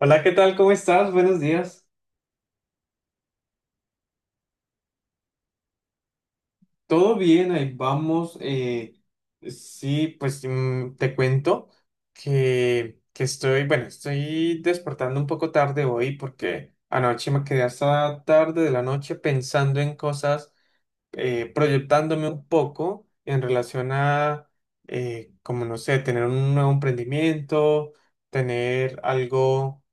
Hola, ¿qué tal? ¿Cómo estás? Buenos días. ¿Todo bien? Ahí vamos. Sí, pues te cuento que bueno, estoy despertando un poco tarde hoy porque anoche me quedé hasta tarde de la noche pensando en cosas. Proyectándome un poco en relación a, como no sé, tener un nuevo emprendimiento, tener algo,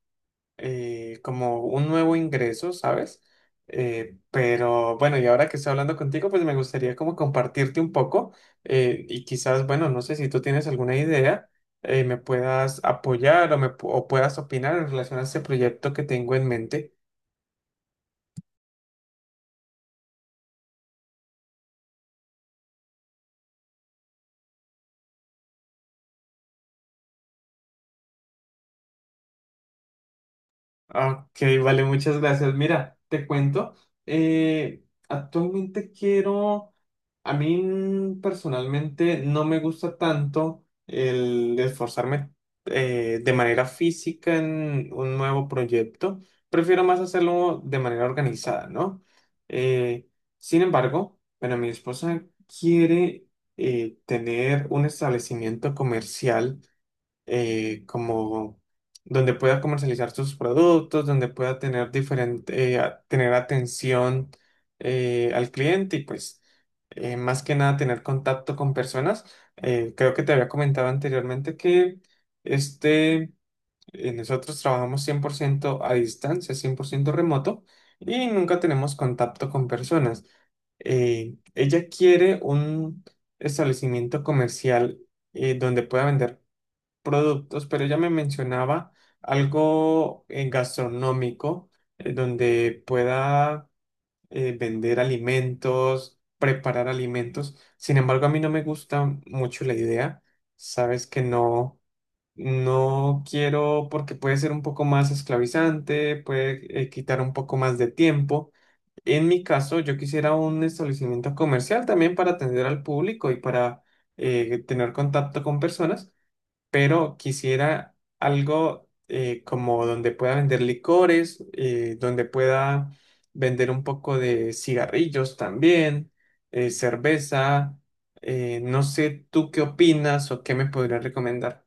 como un nuevo ingreso, ¿sabes? Pero bueno, y ahora que estoy hablando contigo, pues me gustaría como compartirte un poco, y quizás, bueno, no sé si tú tienes alguna idea, me puedas apoyar o, o puedas opinar en relación a este proyecto que tengo en mente. Ok, vale, muchas gracias. Mira, te cuento, actualmente quiero, a mí personalmente no me gusta tanto el esforzarme, de manera física en un nuevo proyecto, prefiero más hacerlo de manera organizada, ¿no? Eh, Sin embargo, bueno, mi esposa quiere tener un establecimiento comercial, como donde pueda comercializar sus productos, donde pueda tener diferente, tener atención al cliente y pues más que nada tener contacto con personas. Creo que te había comentado anteriormente que este, nosotros trabajamos 100% a distancia, 100% remoto y nunca tenemos contacto con personas. Ella quiere un establecimiento comercial donde pueda vender productos, pero ella me mencionaba algo gastronómico, donde pueda vender alimentos, preparar alimentos. Sin embargo, a mí no me gusta mucho la idea. Sabes que no, no quiero porque puede ser un poco más esclavizante, puede quitar un poco más de tiempo. En mi caso, yo quisiera un establecimiento comercial también para atender al público y para tener contacto con personas, pero quisiera algo, como donde pueda vender licores, donde pueda vender un poco de cigarrillos también, cerveza, no sé tú qué opinas o qué me podrías recomendar.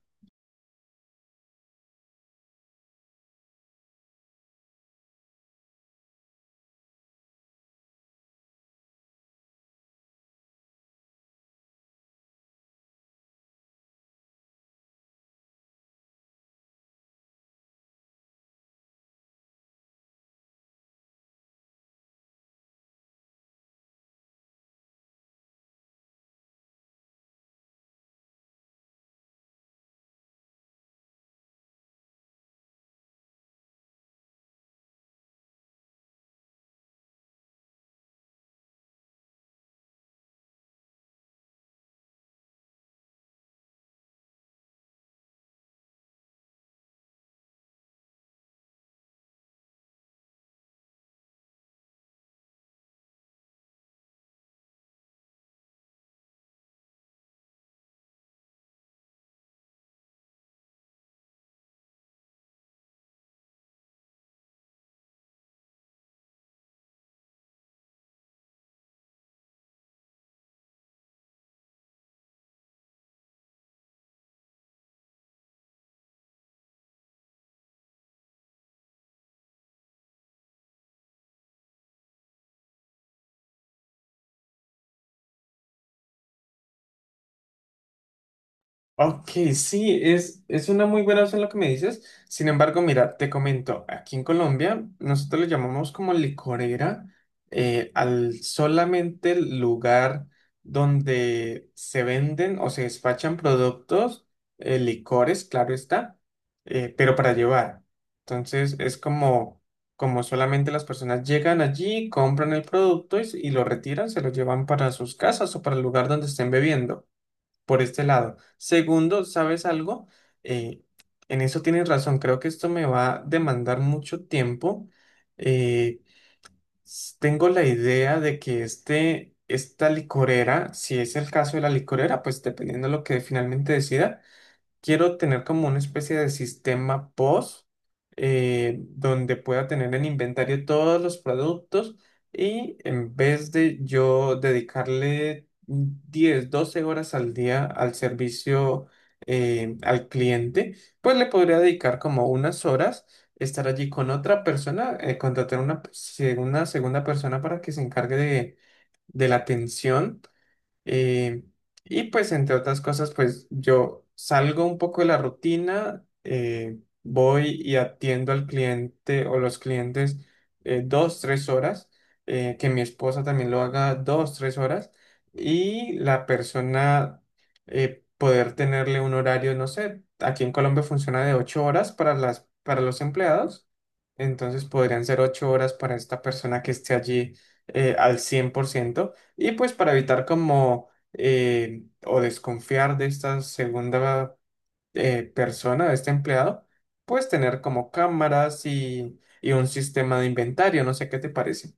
Ok, sí, es una muy buena opción lo que me dices. Sin embargo, mira, te comento, aquí en Colombia nosotros le llamamos como licorera, al solamente el lugar donde se venden o se despachan productos, licores, claro está, pero para llevar. Entonces es como, solamente las personas llegan allí, compran el producto y, y lo retiran, se lo llevan para sus casas o para el lugar donde estén bebiendo por este lado. Segundo, ¿sabes algo? Eh, en eso tienes razón, creo que esto me va a demandar mucho tiempo. Eh, Tengo la idea de que esta licorera, si es el caso de la licorera, pues dependiendo de lo que finalmente decida, quiero tener como una especie de sistema POS, donde pueda tener en inventario todos los productos y en vez de yo dedicarle 10 12 horas al día al servicio, al cliente, pues le podría dedicar como unas horas. Estar allí con otra persona, contratar una segunda persona para que se encargue de la atención, eh, y pues entre otras cosas, pues yo salgo un poco de la rutina, voy y atiendo al cliente o los clientes 2, 3 horas, que mi esposa también lo haga 2, 3 horas, y la persona poder tenerle un horario, no sé, aquí en Colombia funciona de 8 horas para las, para los empleados, entonces podrían ser 8 horas para esta persona que esté allí al 100%, y pues para evitar como o desconfiar de esta segunda persona, de este empleado, pues tener como cámaras y un sistema de inventario, no sé qué te parece.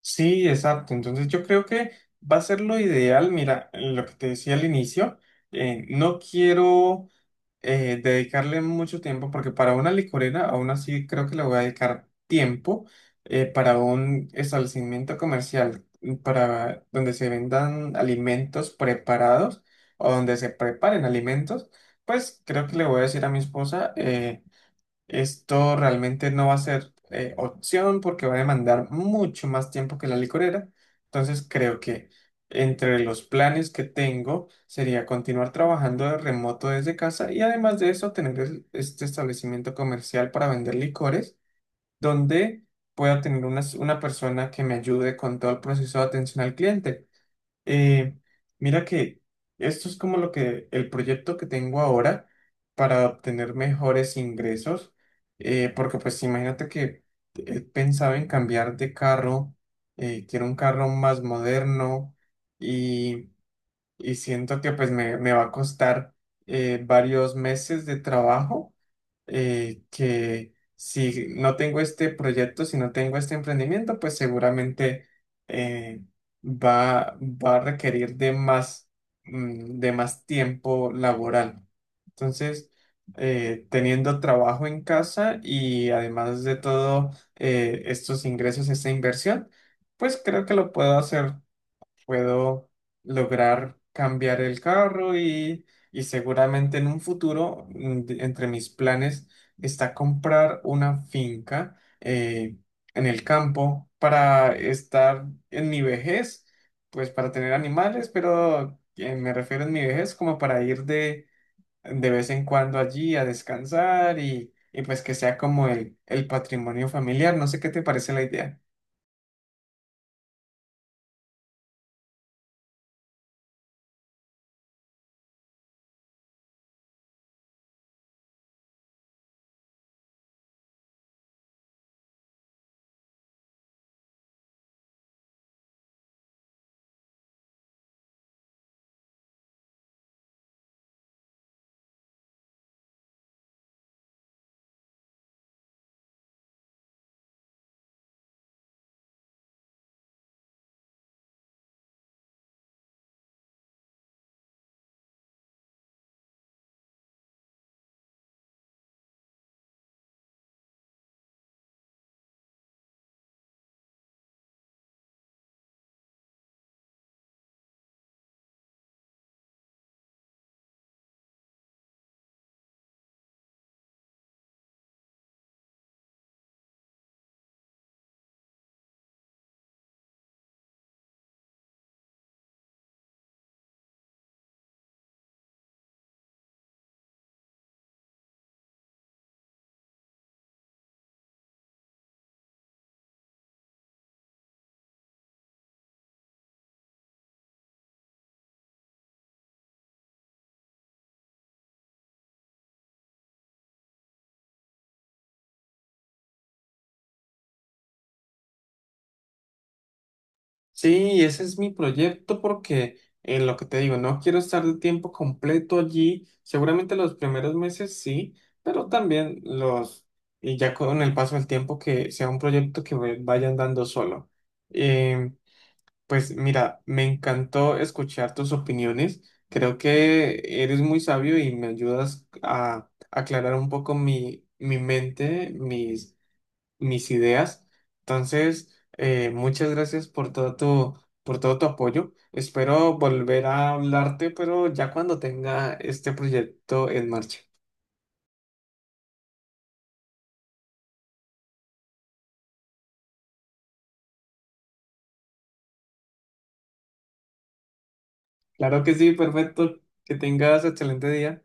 Sí, exacto. Entonces yo creo que va a ser lo ideal. Mira, lo que te decía al inicio, no quiero dedicarle mucho tiempo, porque para una licorera aún así creo que le voy a dedicar tiempo, para un establecimiento comercial, mm, para donde se vendan alimentos preparados o donde se preparen alimentos, pues creo que le voy a decir a mi esposa esto realmente no va a ser opción porque va a demandar mucho más tiempo que la licorera. Entonces creo que entre los planes que tengo sería continuar trabajando de remoto desde casa y además de eso tener este establecimiento comercial para vender licores donde pueda tener una persona que me ayude con todo el proceso de atención al cliente. Eh, Mira que esto es como lo que el proyecto que tengo ahora para obtener mejores ingresos, porque pues imagínate que he pensado en cambiar de carro, quiero un carro más moderno y, y siento que pues me va a costar varios meses de trabajo, que si no tengo este proyecto, si no tengo este emprendimiento, pues seguramente eh, va a requerir de más tiempo laboral. Entonces, teniendo trabajo en casa y además de todo estos ingresos, esta inversión, pues creo que lo puedo hacer. Puedo lograr cambiar el carro y seguramente en un futuro, entre mis planes, está comprar una finca en el campo para estar en mi vejez, pues para tener animales, pero me refiero en mi vejez como para ir de vez en cuando allí a descansar y pues que sea como el patrimonio familiar. No sé qué te parece la idea. Sí, ese es mi proyecto porque en lo que te digo, no quiero estar el tiempo completo allí. Seguramente los primeros meses sí, pero también y ya con el paso del tiempo que sea un proyecto que vaya andando solo. Em, pues mira, me encantó escuchar tus opiniones. Creo que eres muy sabio y me ayudas a aclarar un poco mi mente, mis ideas. Entonces, muchas gracias por todo tu apoyo. Espero volver a hablarte, pero ya cuando tenga este proyecto en marcha. Claro que sí, perfecto. Que tengas excelente día.